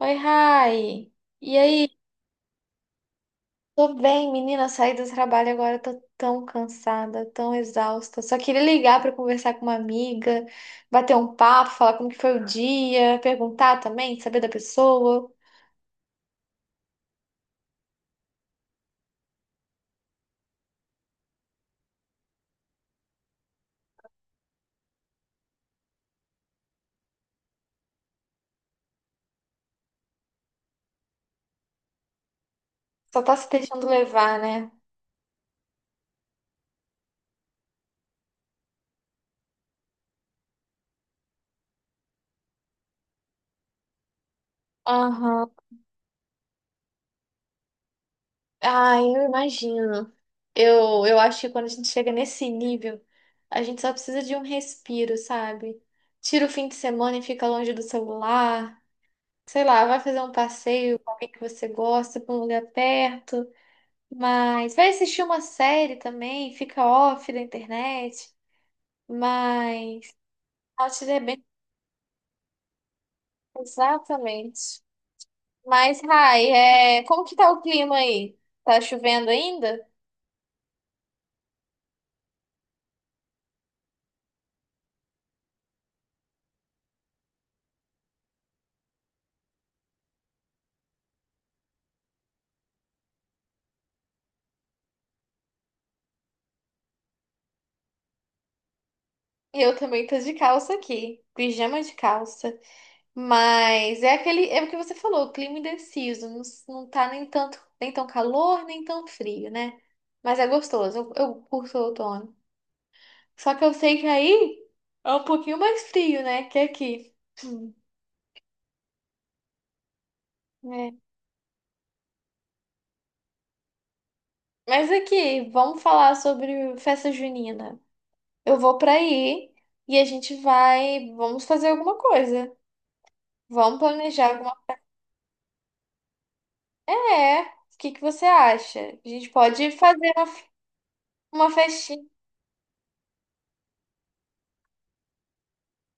Oi, Rai. E aí? Tô bem, menina. Saí do trabalho agora, tô tão cansada, tão exausta. Só queria ligar pra conversar com uma amiga, bater um papo, falar como que foi o dia, perguntar também, saber da pessoa. Só tá se deixando levar, né? Aham. Ai, eu imagino. Eu acho que quando a gente chega nesse nível, a gente só precisa de um respiro, sabe? Tira o fim de semana e fica longe do celular. Sei lá, vai fazer um passeio com alguém que você gosta, pra um lugar perto, mas vai assistir uma série também, fica off da internet, mas outdoor é bem exatamente. Mas, Rai, como que tá o clima aí? Tá chovendo ainda? Eu também tô de calça aqui, pijama de calça. Mas é aquele, é o que você falou, clima indeciso, não, não tá nem tanto, nem tão calor, nem tão frio, né? Mas é gostoso, eu curto o outono. Só que eu sei que aí é um pouquinho mais frio, né? Que aqui. Hum, é. Mas aqui, vamos falar sobre festa junina. Eu vou pra aí e a gente vai. Vamos fazer alguma coisa. Vamos planejar alguma É. O que que você acha? A gente pode fazer uma, uma festinha.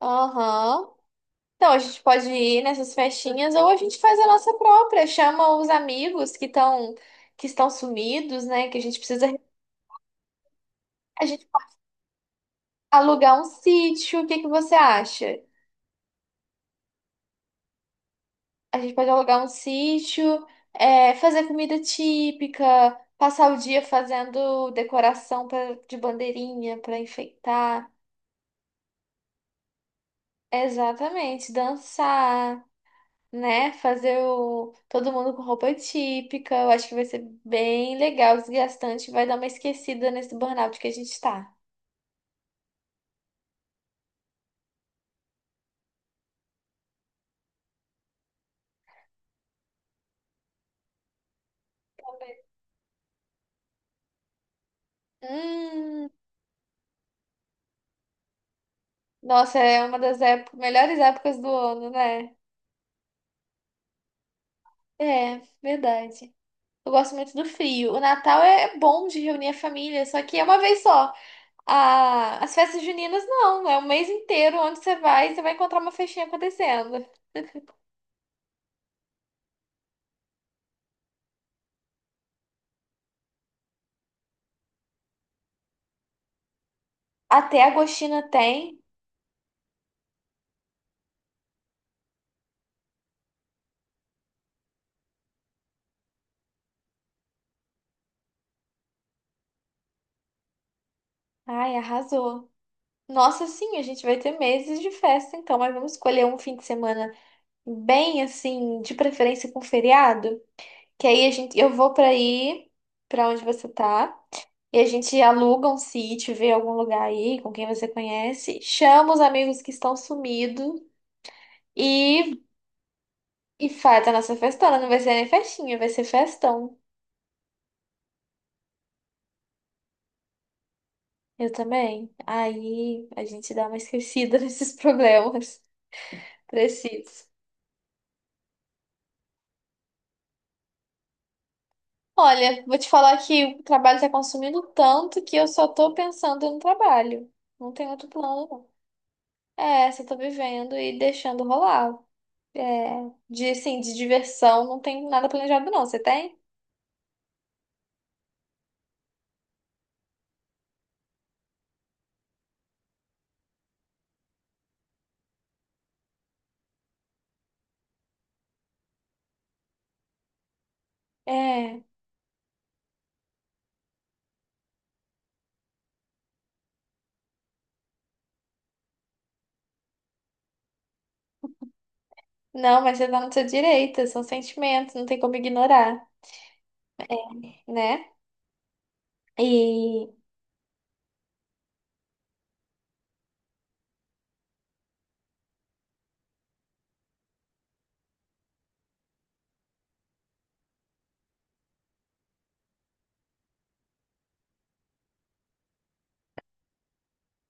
Aham. Então, a gente pode ir nessas festinhas ou a gente faz a nossa própria. Chama os amigos que estão sumidos, né? Que a gente precisa alugar um sítio, o que que você acha? A gente pode alugar um sítio, é, fazer comida típica, passar o dia fazendo decoração de bandeirinha para enfeitar. Exatamente, dançar, né? Fazer o, todo mundo com roupa típica. Eu acho que vai ser bem legal, desgastante, vai dar uma esquecida nesse burnout que a gente tá. Hum, nossa, é uma das melhores épocas do ano, né? É, verdade. Eu gosto muito do frio. O Natal é bom de reunir a família, só que é uma vez só. As festas juninas não, é o mês inteiro onde você vai encontrar uma festinha acontecendo. Até Agostina tem. Ai, arrasou. Nossa, sim, a gente vai ter meses de festa, então, mas vamos escolher um fim de semana bem assim, de preferência com feriado, que aí a gente eu vou pra aí, pra onde você tá. E a gente aluga um sítio, vê algum lugar aí com quem você conhece, chama os amigos que estão sumidos e, e faz a nossa festona. Não vai ser nem festinha, vai ser festão. Eu também. Aí a gente dá uma esquecida nesses problemas precisos. Olha, vou te falar que o trabalho tá consumindo tanto que eu só tô pensando no trabalho. Não tem outro plano, não. É, só tô vivendo e deixando rolar. É, de, assim, de diversão, não tem nada planejado, não. Você tem? É, não, mas você tá no seu direito, são sentimentos, não tem como ignorar, né? E,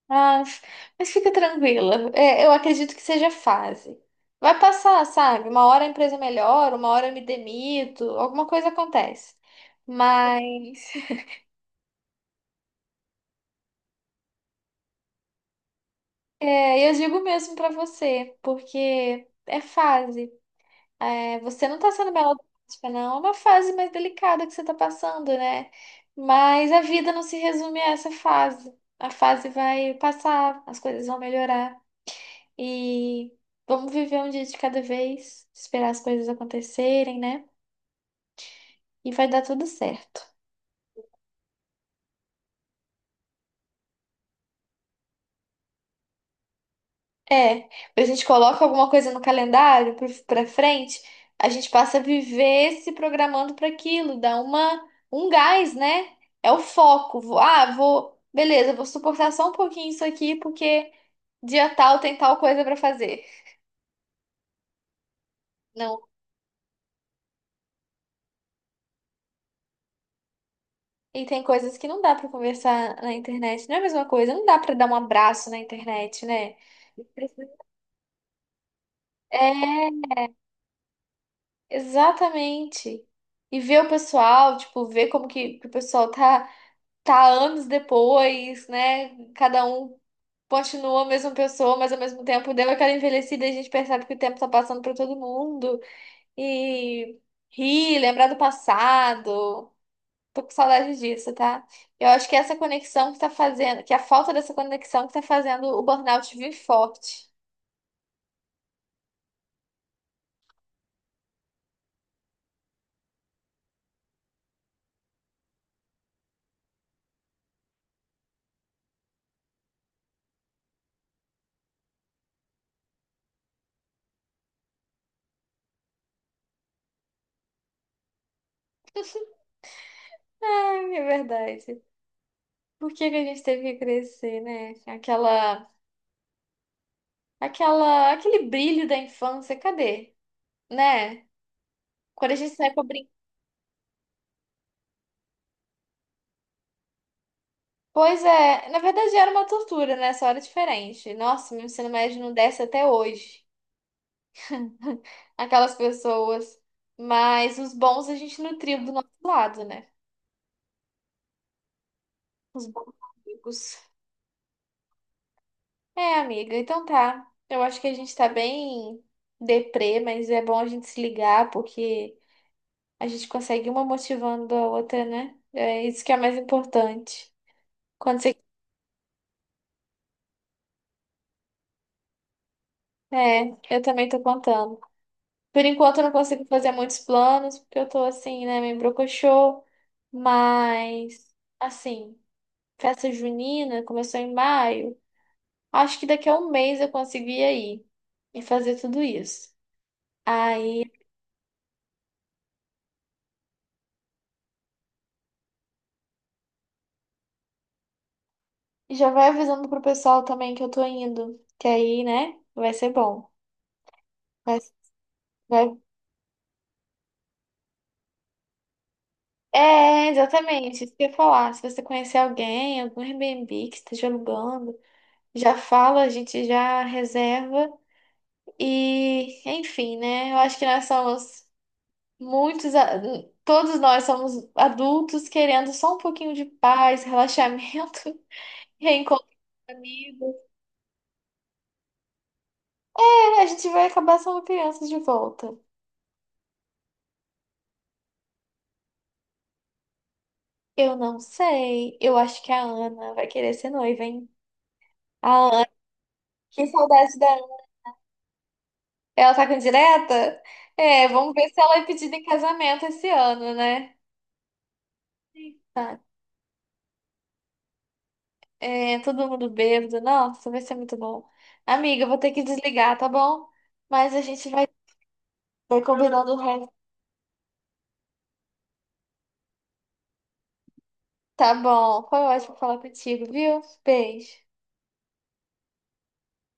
mas, mas fica tranquila, é, eu acredito que seja fase. Vai passar, sabe? Uma hora a empresa melhora, uma hora eu me demito, alguma coisa acontece. Mas é, eu digo mesmo pra você, porque é fase. É, você não tá sendo melodramática, não. É uma fase mais delicada que você tá passando, né? Mas a vida não se resume a essa fase. A fase vai passar, as coisas vão melhorar. E vamos viver um dia de cada vez, esperar as coisas acontecerem, né? E vai dar tudo certo. É, a gente coloca alguma coisa no calendário pra frente, a gente passa a viver se programando para aquilo, dá uma um gás, né? É o foco. Ah, vou, beleza, vou suportar só um pouquinho isso aqui porque dia tal tem tal coisa para fazer. Não. E tem coisas que não dá para conversar na internet, não é a mesma coisa, não dá para dar um abraço na internet, né? É, exatamente. E ver o pessoal, tipo, ver como que o pessoal tá anos depois, né? Cada um continua a mesma pessoa, mas ao mesmo tempo deu aquela envelhecida e a gente percebe que o tempo tá passando pra todo mundo. E rir, lembrar do passado. Tô com saudade disso, tá? Eu acho que essa conexão que tá fazendo, que a falta dessa conexão que tá fazendo o burnout vir forte. Ai, é verdade. Por que que a gente teve que crescer, né? Aquele brilho da infância, cadê? Né? Quando a gente sai pra brincar pois é, na verdade era uma tortura, né? Só era diferente. Nossa, meu ensino médio não desce até hoje. Aquelas pessoas. Mas os bons a gente nutriu do nosso lado, né? Os bons amigos. É, amiga, então tá. Eu acho que a gente tá bem deprê, mas é bom a gente se ligar, porque a gente consegue uma motivando a outra, né? É isso que é mais importante. Quando você... É, eu também tô contando. Por enquanto eu não consigo fazer muitos planos, porque eu tô assim, né, meio brocochô, mas assim, festa junina começou em maio. Acho que daqui a um mês eu consigo ir aí e fazer tudo isso. Aí já vai avisando pro pessoal também que eu tô indo, que aí, né, vai ser bom. Vai, vai... É, exatamente, isso que eu ia falar. Se você conhecer alguém, algum Airbnb que esteja alugando, já fala, a gente já reserva. E, enfim, né? Eu acho que nós somos muitos, todos nós somos adultos querendo só um pouquinho de paz, relaxamento, reencontro com amigos. É, a gente vai acabar sendo crianças de volta. Eu não sei. Eu acho que a Ana vai querer ser noiva, hein? A Ana, que saudade da Ana. Ela tá com direta? É, vamos ver se ela é pedida em casamento esse ano, né? Tá. É, todo mundo bêbado. Nossa, vai ser muito bom. Amiga, eu vou ter que desligar, tá bom? Mas a gente vai, vai combinando o resto. Tá bom. Foi ótimo falar contigo, viu? Beijo.